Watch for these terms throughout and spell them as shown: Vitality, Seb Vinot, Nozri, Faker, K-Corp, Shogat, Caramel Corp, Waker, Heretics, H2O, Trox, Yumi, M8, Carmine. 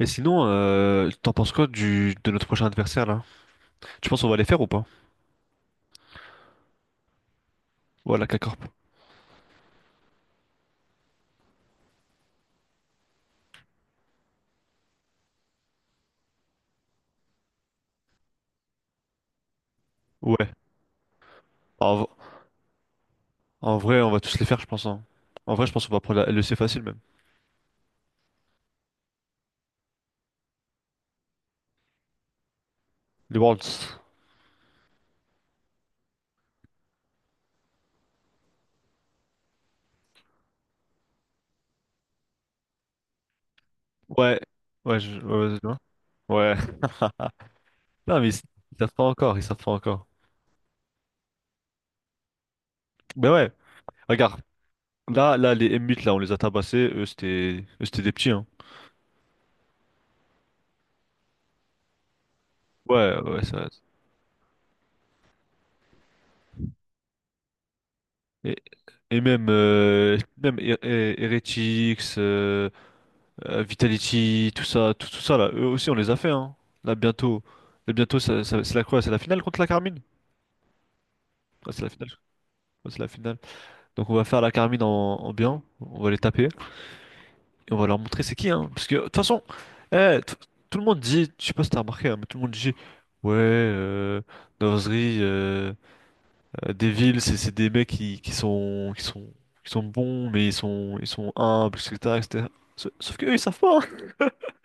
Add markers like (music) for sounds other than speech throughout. Mais sinon, t'en penses quoi de notre prochain adversaire là? Tu penses qu'on va les faire ou pas? Voilà, la K-Corp. Ouais. En, v- en vrai, on va tous les faire, je pense, hein. En vrai, je pense qu'on va prendre le C facile même. Les Worlds. Ouais. Ouais, ouais. Vas-y, dis. Ouais. (laughs) Non, mais ils savent pas encore, ils savent pas encore. Ben ouais, regarde. Là, là, les M8, là, on les a tabassés. Eux, c'était des petits, hein. Ouais, ouais, ça. Et, et même, Heretics, Vitality, tout ça, tout ça là, eux aussi on les a fait, hein. Là bientôt, là bientôt, c'est la quoi? C'est la finale contre la Carmine? Ouais, c'est la finale. Ouais, c'est la finale. Donc on va faire la Carmine en bien, on va les taper et on va leur montrer c'est qui, hein. Parce que de toute façon, eh, t- tout le monde dit, je sais pas si t'as remarqué, hein, mais tout le monde dit ouais, Nozri, Devil, c'est des mecs qui sont bons mais ils sont humbles, etc. etc. Sauf que eux ils savent pas, hein.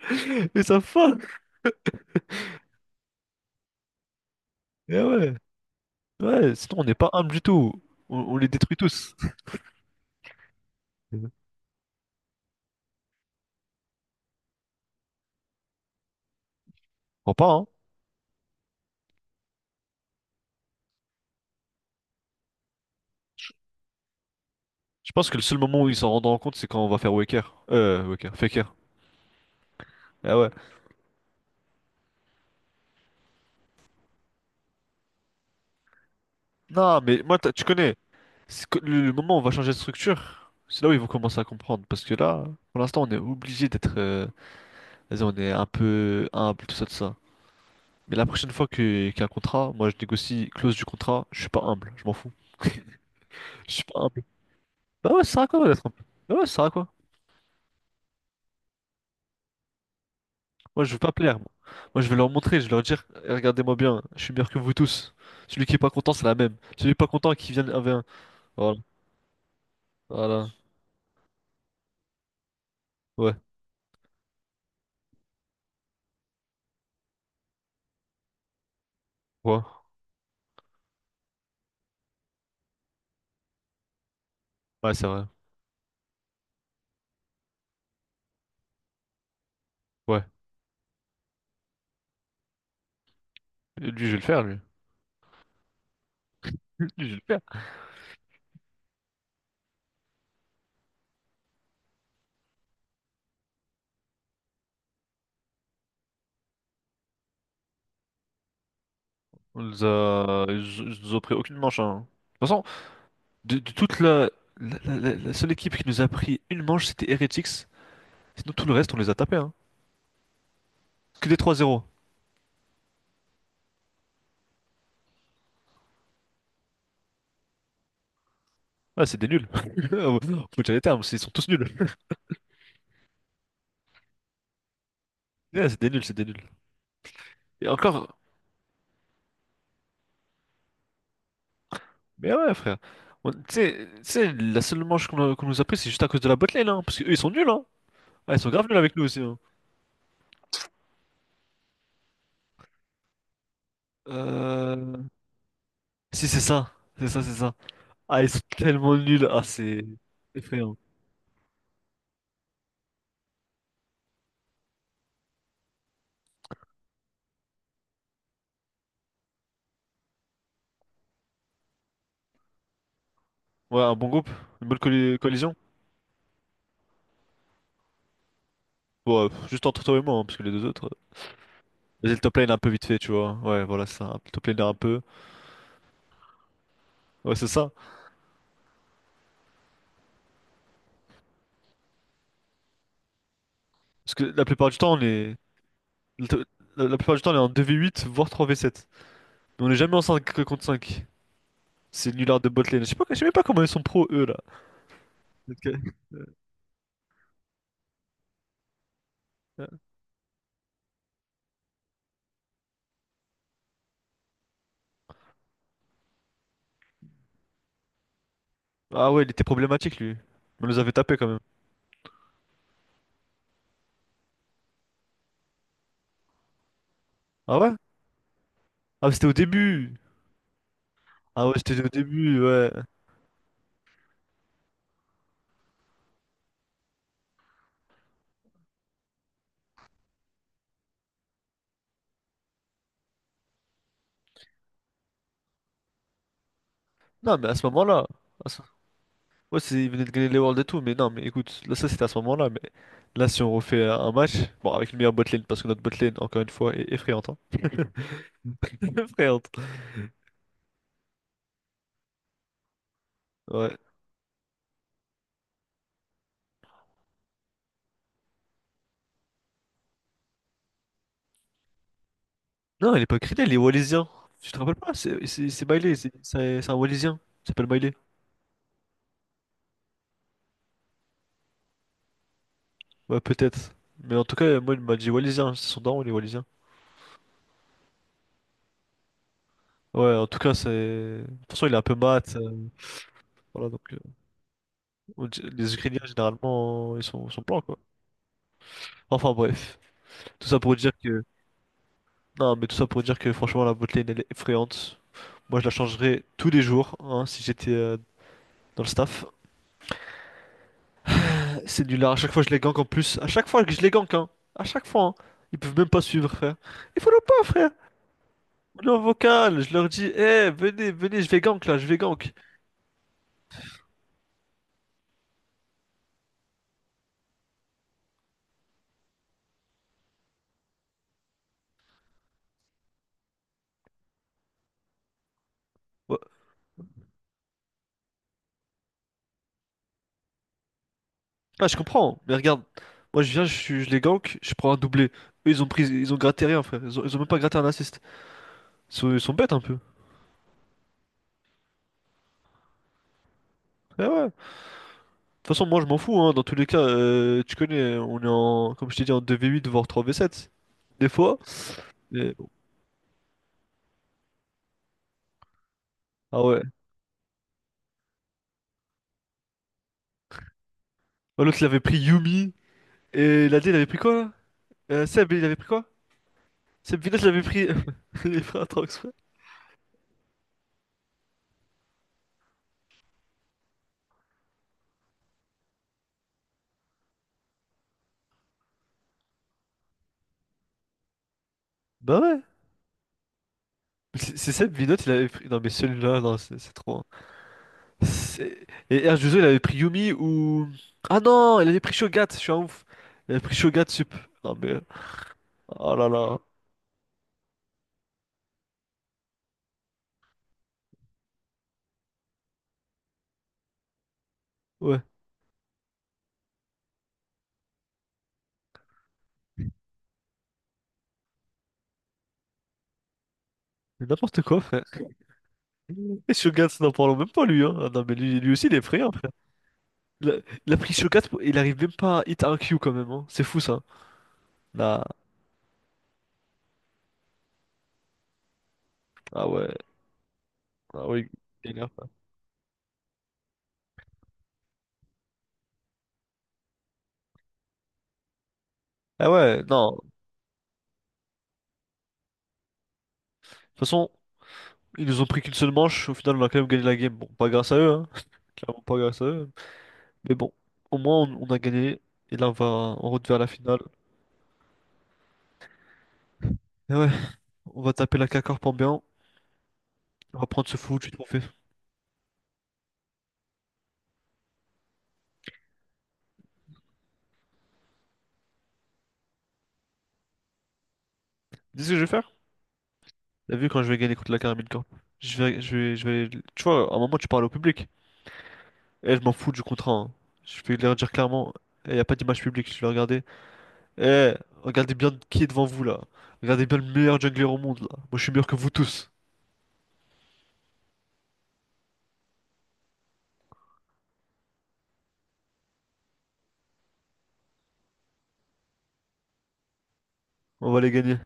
(laughs) Ils savent pas. Eh ouais. Ouais, sinon on n'est pas humble du tout. On les détruit tous. (laughs) Mhm. Crois pas, hein. Je pense que le seul moment où ils s'en rendront compte, c'est quand on va faire Waker. Faker. Ah ouais. Non, mais moi, tu connais. C'est que le moment où on va changer de structure, c'est là où ils vont commencer à comprendre. Parce que là, pour l'instant, on est obligé d'être, vas-y, on est un peu humble, tout ça, tout ça. Mais la prochaine fois qu'il y a un contrat, moi, je négocie clause du contrat. Je suis pas humble, je m'en fous. (laughs) Je suis pas humble. Bah ouais, ça sert à quoi d'être humble? Bah ouais, ça sert à quoi? Moi, je veux pas plaire, moi. Moi, je vais leur montrer, je vais leur dire, eh, regardez-moi bien, je suis meilleur que vous tous. Celui qui est pas content, c'est la même. Celui qui est pas content, qui vient avec un. Voilà. Voilà. Ouais. Ouais. Ouais, c'est vrai. Ouais. Et lui, je vais le faire, lui. (laughs) Lui, je vais le faire. Ils nous ont pris aucune manche, hein. De toute façon, de toute la... La seule équipe qui nous a pris une manche, c'était Heretics. Sinon, tout le reste, on les a tapés, hein. Que des 3-0. Ah, c'est des nuls. (laughs) Faut dire les termes, ils sont tous nuls. (laughs) Ouais, c'est des nuls, c'est des nuls. Et encore. Mais ouais, frère. Tu sais, la seule manche qu'on nous a pris, c'est juste à cause de la botlane, hein. Parce qu'eux, ils sont nuls, hein. Ah, ils sont grave nuls avec nous aussi, hein. Euh... Si, c'est ça. C'est ça, c'est ça. Ah, ils sont tellement nuls. Ah, c'est effrayant. Ouais, un bon groupe. Une bonne collision. Bon, pff, juste entre toi et moi, hein, parce que les deux autres... Vas-y, le top lane un peu vite fait, tu vois. Ouais, voilà, c'est ça. Le top lane un peu... Ouais, c'est ça. Parce que la plupart du temps, on est... le to- la plupart du temps, on est en 2v8, voire 3v7. Mais on est jamais en 5 contre 5. C'est Nullard de botlane. Je sais pas, je sais même pas comment ils sont pro, eux, là. Ok. Ah ouais, il était problématique, lui. On nous avait tapé quand même. Ah ouais? Ah, mais c'était au début. Ah ouais, c'était au début, ouais. Non, mais à ce moment-là. à ce- Ouais, c'est, ils venaient de gagner les Worlds et tout, mais non, mais écoute, là, ça c'était à ce moment-là, mais là, si on refait un match, bon, avec une meilleure botlane, parce que notre botlane, encore une fois, est effrayante, hein. (laughs) Effrayante. Ouais. Non, il est pas criminel, il est Wallisien. Tu te rappelles pas? C'est Miley, c'est un Wallisien. Il s'appelle Miley. Ouais, peut-être. Mais en tout cas, moi, il m'a dit Wallisien. C'est son daron, il est Wallisien. Ouais, en tout cas, c'est. De toute façon, il est un peu mat, voilà, donc, les Ukrainiens, généralement, ils sont blancs, quoi. Enfin, bref. Tout ça pour dire que. Non, mais tout ça pour dire que, franchement, la botlane, elle est effrayante. Moi, je la changerais tous les jours, hein, si j'étais, dans le staff. C'est nul, à chaque fois, je les gank en plus. À chaque fois que je les gank, hein. À chaque fois, hein. Ils peuvent même pas suivre, frère. Il faut le pas, frère. On est en vocal, je leur dis, eh, venez, venez, je vais gank là, je vais gank. Ah, je comprends, mais regarde, moi je viens, je les gank, je prends un doublé. Eux, ils ont pris, ils ont gratté rien, frère. Ils ont même pas gratté un assist. Ils sont bêtes un peu. Eh ouais. De toute façon, moi je m'en fous, hein. Dans tous les cas, tu connais, on est en, comme je t'ai dit, en 2v8 voire 3v7. Des fois. Bon. Ah ouais. Ah, l'autre, il avait pris Yumi. Et l'AD, il avait pris quoi là? Seb, il avait pris quoi? Seb Vinot, il avait pris. (laughs) Les frères Trox, frère. Bah ouais. Mais c'est Seb Vinot, il avait pris. Non, mais celui-là, non, c'est trop, hein. Et H2O, il avait pris Yumi ou... Ah non, il avait pris Shogat, je suis un ouf. Il avait pris Shogat Sup. Non mais... Oh là là. Ouais. Mais n'importe quoi, frère. (laughs) Et Shogat, n'en parlons même pas, lui. Hein. Ah non mais lui aussi, il est prêt, hein, frère. Il a, il a pris Shogat, il arrive même pas à hit un Q quand même, hein. C'est fou, ça. Là. Ah ouais. Ah ouais, galère, frère. Ah ouais, non. De toute façon, ils nous ont pris qu'une seule manche. Au final, on a quand même gagné la game. Bon, pas grâce à eux, hein. Clairement pas grâce à eux. Mais bon, au moins, on a gagné. Et là, on va en route vers la finale. Et ouais, on va taper la K-Corp en bien. On va prendre ce fou du trophée. Tu sais ce que je vais faire? T'as vu quand je vais gagner contre la Caramel Corp? Tu vois, à un moment, tu parles au public. Eh, je m'en fous du contrat, hein. Je vais leur dire clairement, il n'y a pas d'image publique. Je vais regarder. Eh, regardez bien qui est devant vous, là. Regardez bien le meilleur jungler au monde, là. Moi, je suis meilleur que vous tous. On va les gagner.